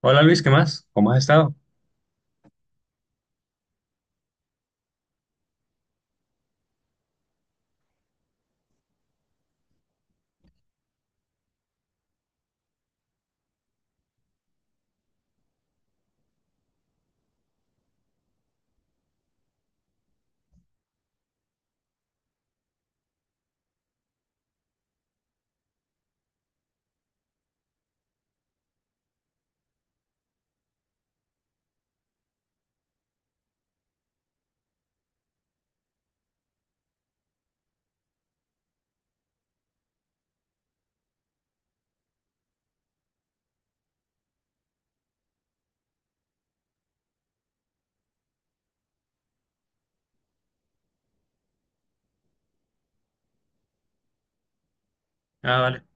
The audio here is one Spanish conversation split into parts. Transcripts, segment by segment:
Hola Luis, ¿qué más? ¿Cómo has estado? Ah, vale.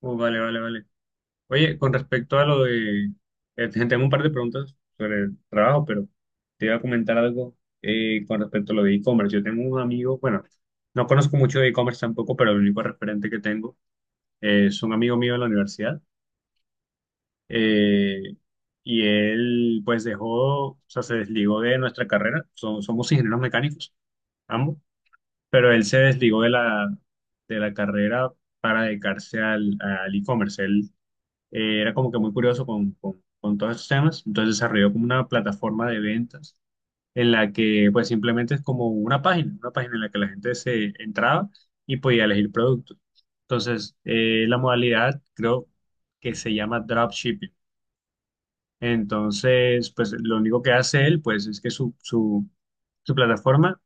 Vale, vale, vale. Oye, con respecto a lo de... tengo un par de preguntas sobre el trabajo, pero te iba a comentar algo con respecto a lo de e-commerce. Yo tengo un amigo, bueno, no conozco mucho de e-commerce tampoco, pero el único referente que tengo es un amigo mío de la universidad. eh, y él pues dejó, o sea, se desligó de nuestra carrera. Somos ingenieros mecánicos, ambos. Pero él se desligó de la carrera para dedicarse al, al e-commerce. Él era como que muy curioso con, con todos esos temas, entonces desarrolló como una plataforma de ventas en la que pues simplemente es como una página en la que la gente se entraba y podía elegir productos. Entonces, la modalidad creo que se llama dropshipping. Entonces, pues lo único que hace él pues es que su plataforma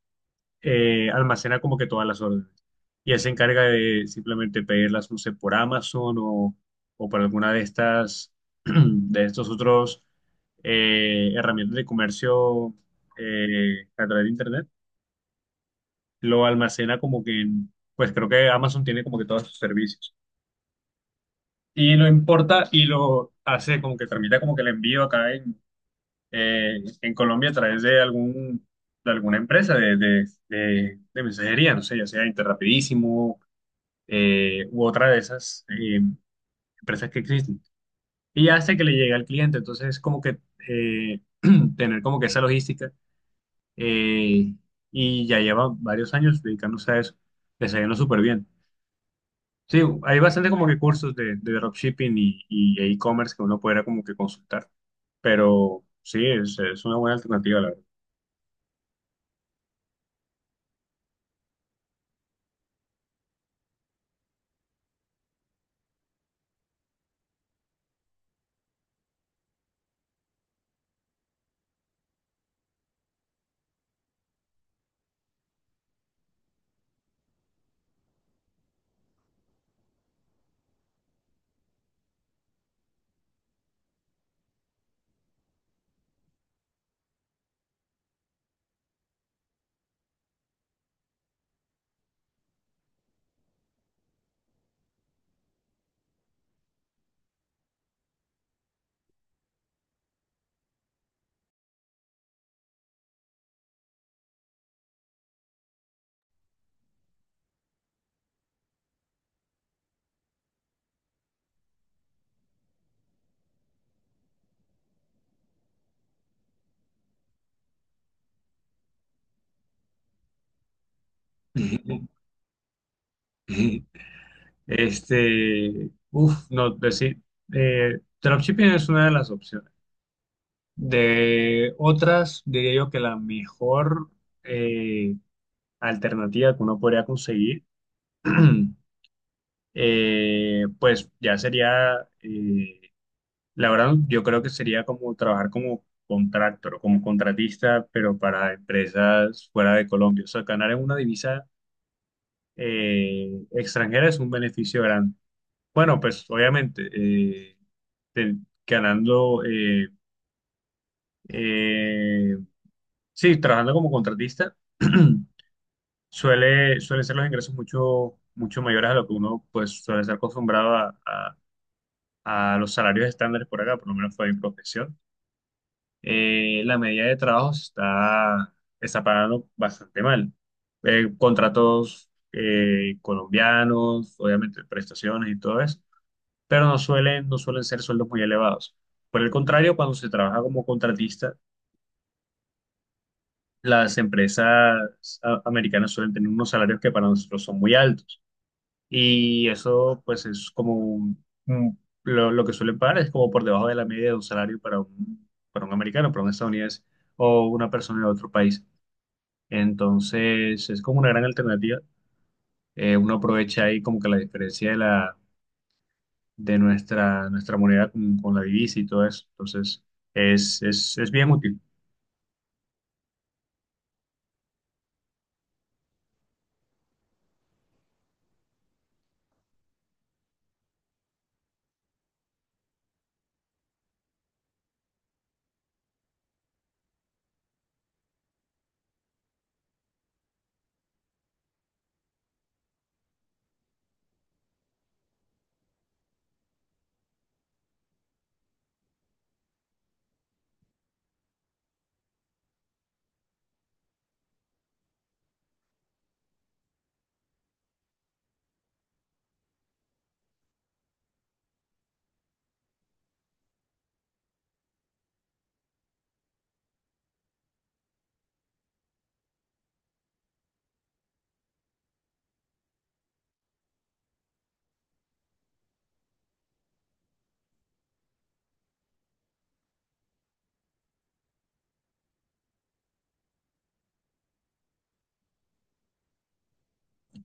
almacena como que todas las órdenes. Y él se encarga de simplemente pedirlas, no sé, por Amazon o por alguna de estas, de estos otros herramientas de comercio a través de Internet. Lo almacena como que en, pues creo que Amazon tiene como que todos sus servicios. Y lo importa y lo hace como que tramita como que el envío acá en Colombia a través de algún, de alguna empresa de mensajería, no sé, ya sea Interrapidísimo u otra de esas empresas que existen. Y hace que le llegue al cliente. Entonces, como que eh, tener como que esa logística, eh, y ya lleva varios años dedicándose a eso. Le está yendo súper bien. Sí, hay bastante como que cursos de dropshipping y e-commerce que uno pudiera como que consultar. Pero sí, es una buena alternativa, la verdad. Este, uff, no, decir, dropshipping es una de las opciones. De otras, diría yo que la mejor eh, alternativa que uno podría conseguir, pues ya sería, eh, la verdad, yo creo que sería como trabajar como contractor, como contratista, pero para empresas fuera de Colombia. O sea, ganar en una divisa extranjera es un beneficio grande. Bueno, pues obviamente, te- ganando, eh, sí, trabajando como contratista. Suele, suele ser los ingresos mucho, mucho mayores a lo que uno pues suele estar acostumbrado a, a los salarios estándares por acá, por lo menos fue mi profesión. La media de trabajo se está, está pagando bastante mal. Contratos colombianos, obviamente prestaciones y todo eso, pero no suelen, no suelen ser sueldos muy elevados. Por el contrario, cuando se trabaja como contratista, las empresas ah, americanas suelen tener unos salarios que para nosotros son muy altos. Y eso pues es como lo que suelen pagar es como por debajo de la media de un salario para un americano, para un estadounidense o una persona de otro país. Entonces es como una gran alternativa. Uno aprovecha ahí como que la diferencia de la de nuestra, nuestra moneda con la divisa y todo eso. Entonces es bien útil.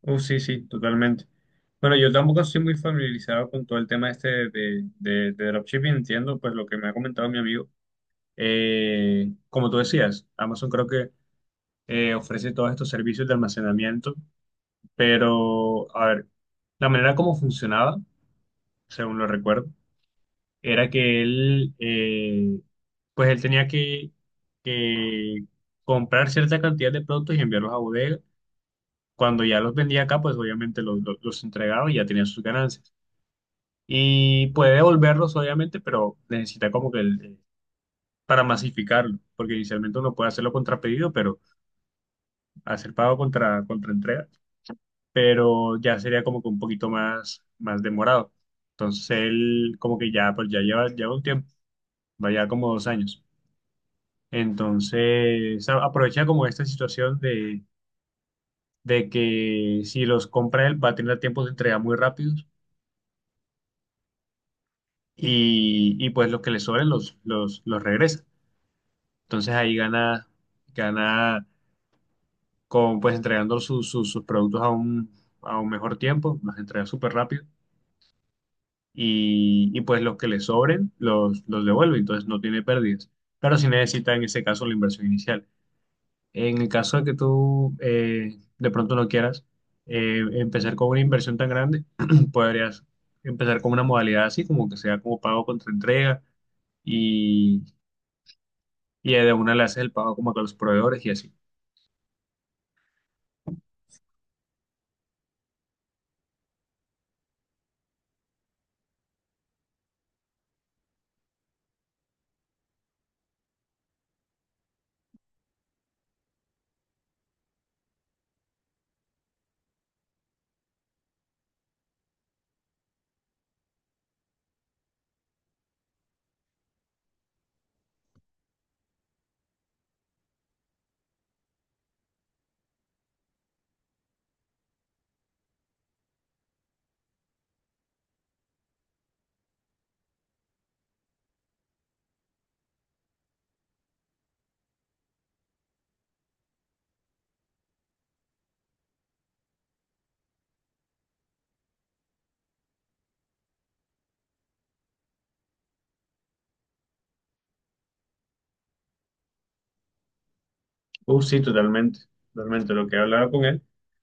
Sí, sí, totalmente. Bueno, yo tampoco estoy muy familiarizado con todo el tema este de dropshipping, entiendo pues lo que me ha comentado mi amigo. Como tú decías, Amazon creo que ofrece todos estos servicios de almacenamiento, pero a ver, la manera como funcionaba, según lo recuerdo, era que él, pues él tenía que comprar cierta cantidad de productos y enviarlos a bodega. Cuando ya los vendía acá, pues obviamente los entregaba y ya tenía sus ganancias. Y puede devolverlos, obviamente, pero necesita como que el, para masificarlo, porque inicialmente uno puede hacerlo contra pedido, pero hacer pago contra entrega, pero ya sería como que un poquito más, más demorado. Entonces él como que ya, pues ya lleva, lleva un tiempo, vaya como dos años. Entonces aprovecha como esta situación de que si los compra él va a tener tiempos de entrega muy rápidos y pues los que le sobren los regresa. Entonces ahí gana, gana con pues entregando sus, sus, sus productos a un mejor tiempo, los entrega súper rápido y, pues los que le sobren los devuelve, entonces no tiene pérdidas. Pero sí necesita en ese caso la inversión inicial. En el caso de que tú de pronto no quieras empezar con una inversión tan grande, podrías empezar con una modalidad así, como que sea como pago contra entrega y, y de una le haces el pago como a los proveedores y así. Sí, totalmente, totalmente. Lo que he hablado con él,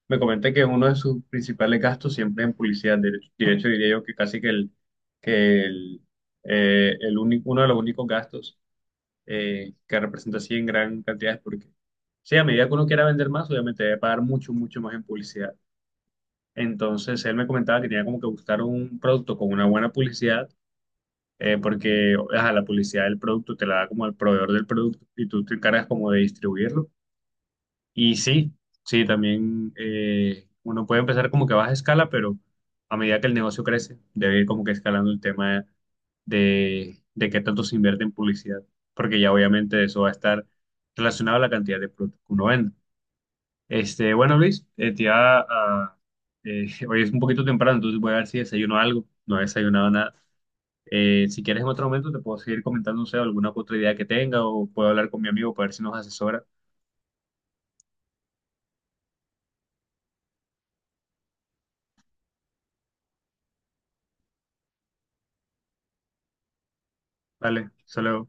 me comenta que uno de sus principales gastos siempre es en publicidad. De hecho, diría yo que casi que el único, uno de los únicos gastos que representa así en gran cantidad es porque, sí, a medida que uno quiera vender más, obviamente debe pagar mucho, mucho más en publicidad. Entonces, él me comentaba que tenía como que buscar un producto con una buena publicidad, porque ajá, la publicidad del producto te la da como el proveedor del producto y tú te encargas como de distribuirlo y sí, sí, también uno puede empezar como que a baja escala, pero a medida que el negocio crece, debe ir como que escalando el tema de qué tanto se invierte en publicidad, porque ya obviamente eso va a estar relacionado a la cantidad de productos que uno vende. Este, bueno, Luis, hoy es un poquito temprano, entonces voy a ver si desayuno algo. No he desayunado nada. Si quieres en otro momento te puedo seguir comentando, no sé, alguna otra idea que tenga o puedo hablar con mi amigo para ver si nos asesora. Vale, solo